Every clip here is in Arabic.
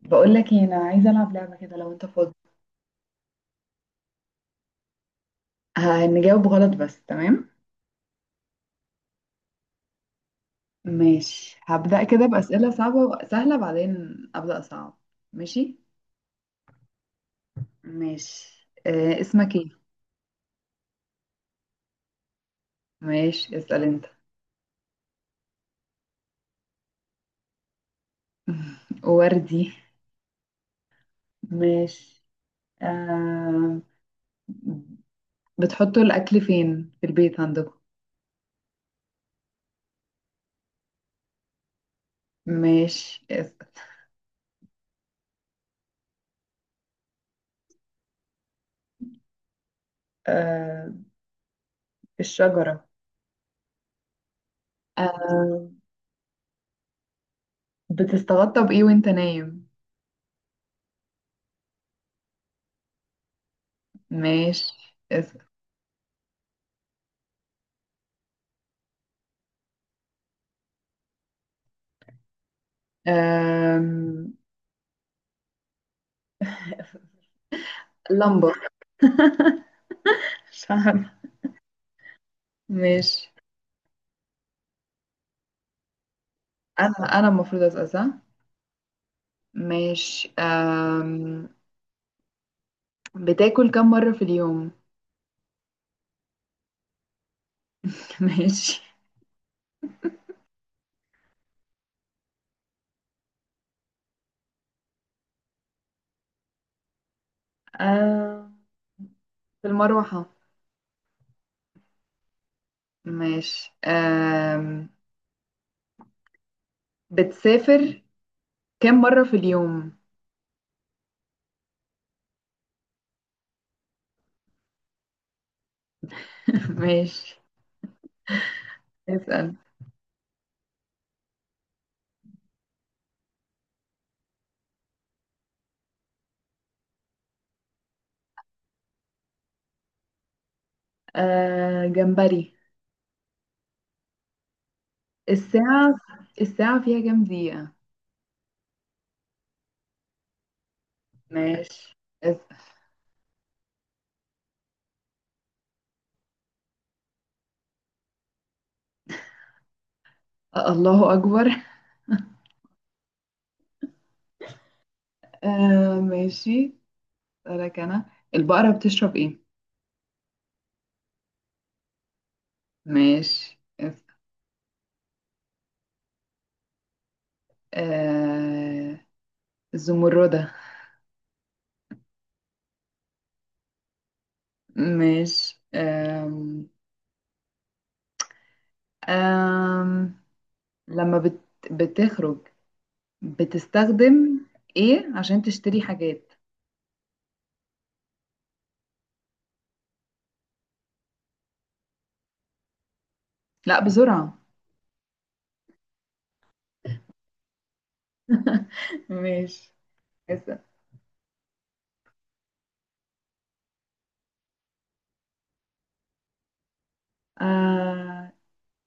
بقول لك ايه؟ انا عايزه العب لعبه كده لو انت فاضي. هنجاوب غلط بس تمام. ماشي، هبدأ كده بأسئلة صعبة وسهلة، بعدين أبدأ صعب. ماشي. ماشي، اسمك ايه؟ ماشي، اسأل انت. وردي. ماشي. آه. بتحطوا الأكل فين في البيت عندكم؟ ماشي، اسأل. آه. الشجرة. آه. بتستغطى بإيه وانت نايم؟ ماشي، اسأل. آه. لمبة. مش عارفة. ماشي. أنا المفروض أسأل، صح؟ ماشي. بتاكل كم مرة في اليوم؟ ماشي. أم... في المروحة. ماشي. بتسافر كم مرة في اليوم؟ ماشي، اسأل. جمبري. الساعة. الساعة فيها كم دقيقة؟ ماشي، اسأل. أه، الله أكبر. ماشي. أسألك أنا. البقرة بتشرب إيه؟ ماشي. آه... الزمردة. ماشي. آم... لما بتخرج، بتستخدم ايه عشان تشتري حاجات؟ لا بسرعة. ماشي، اسأل. آه...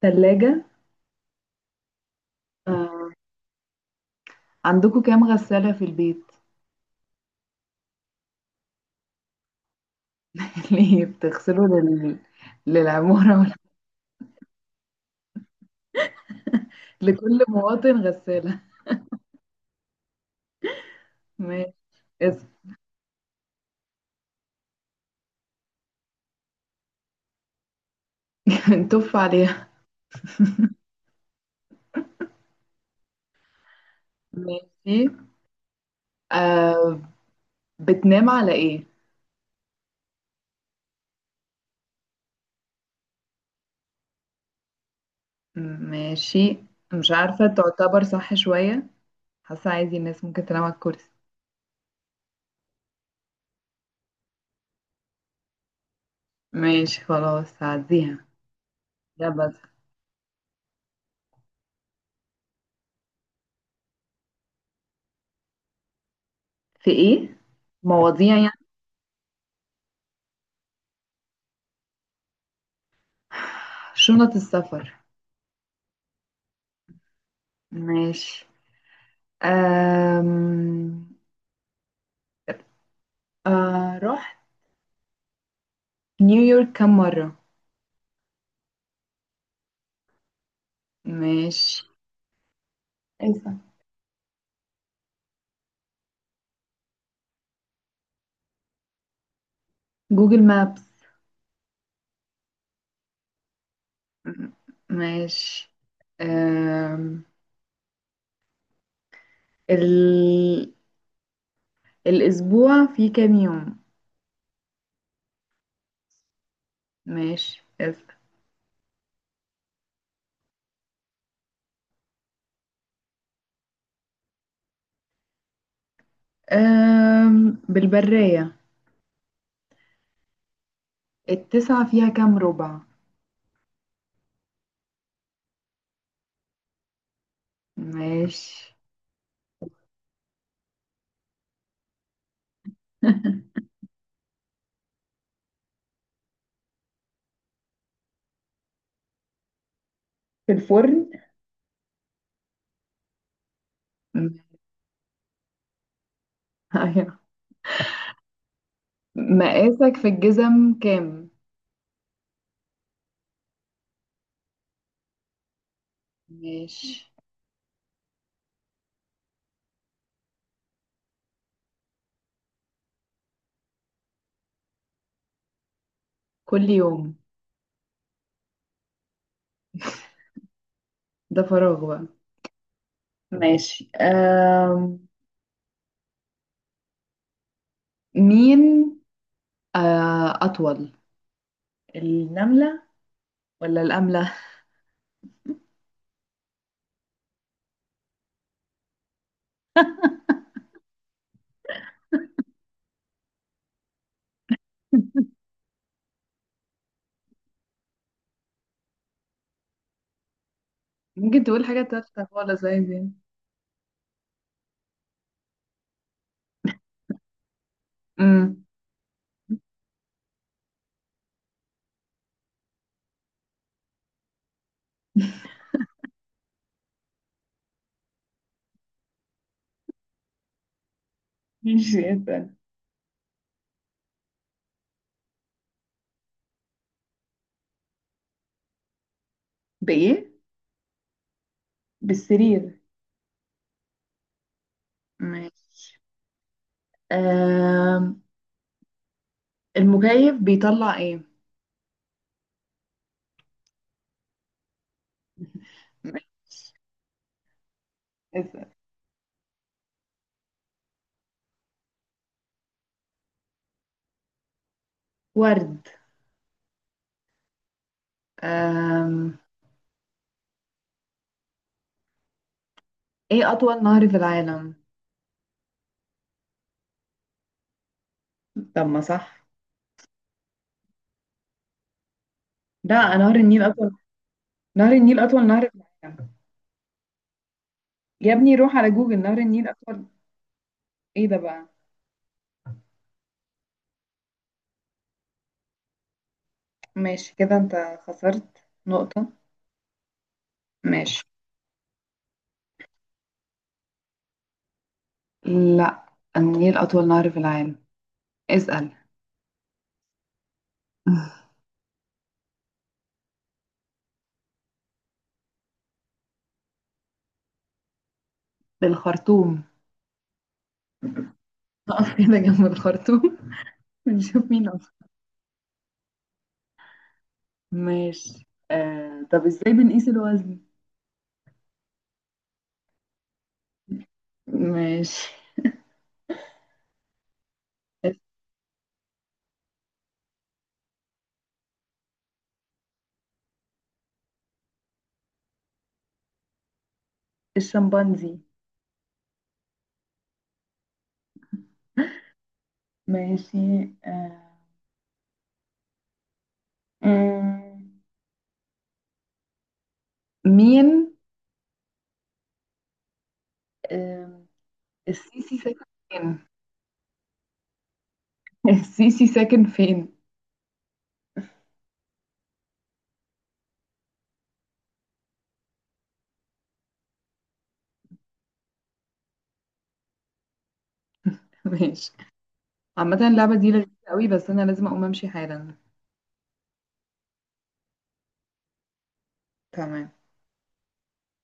تلاجة. آه... عندكم كام غسالة في البيت؟ ليه بتغسلوا للعمارة ولا؟ لكل مواطن غسالة. ماشي، اسأل. نتف عليها. ماشي. آه... بتنام على ايه؟ ماشي. مش عارفة، تعتبر صح شوية. حاسة عادي الناس ممكن تنام على الكرسي. ماشي خلاص، هعديها ده بس. في ايه؟ مواضيع يعني. شنط السفر. ماشي. أم... آه رحت نيويورك كم مرة؟ ماشي. إيه؟ جوجل مابس. م- ماشي. أم... ال... الأسبوع فيه كام يوم؟ ماشي. بالبرية. التسعة فيها كام ربع؟ ماشي. في الفرن. م- أيوة. مقاسك في الجزم كام؟ ماشي. كل يوم. ده فراغ بقى. ماشي. مين؟ أطول النملة ولا الأملة؟ ممكن تقول حاجة تالتة خالص، عادي. امم ماشي، اسأل. بإيه؟ بالسرير. ماشي. أم المكيف بيطلع إيه؟ اسأل. ورد. أم... ايه اطول نهر في العالم؟ طب ما صح. لا، نهر النيل اطول. نهر النيل اطول نهر في العالم. يا ابني روح على جوجل، نهر النيل اطول. ايه ده بقى؟ ماشي كده انت خسرت نقطة. ماشي. لا، النيل اطول نهر في العالم. اسأل. بالخرطوم. نقف كده جنب الخرطوم، ونشوف مين أصغر. ماشي. طب ازاي بنقيس الوزن؟ ماشي. الشمبانزي. ماشي. آه، آم، مين؟ آم، السيسي ساكن فين؟ السيسي ساكن فين؟ ماشي. عامة اللعبة دي لذيذة قوي، بس أنا لازم أقوم أمشي حالا. تمام.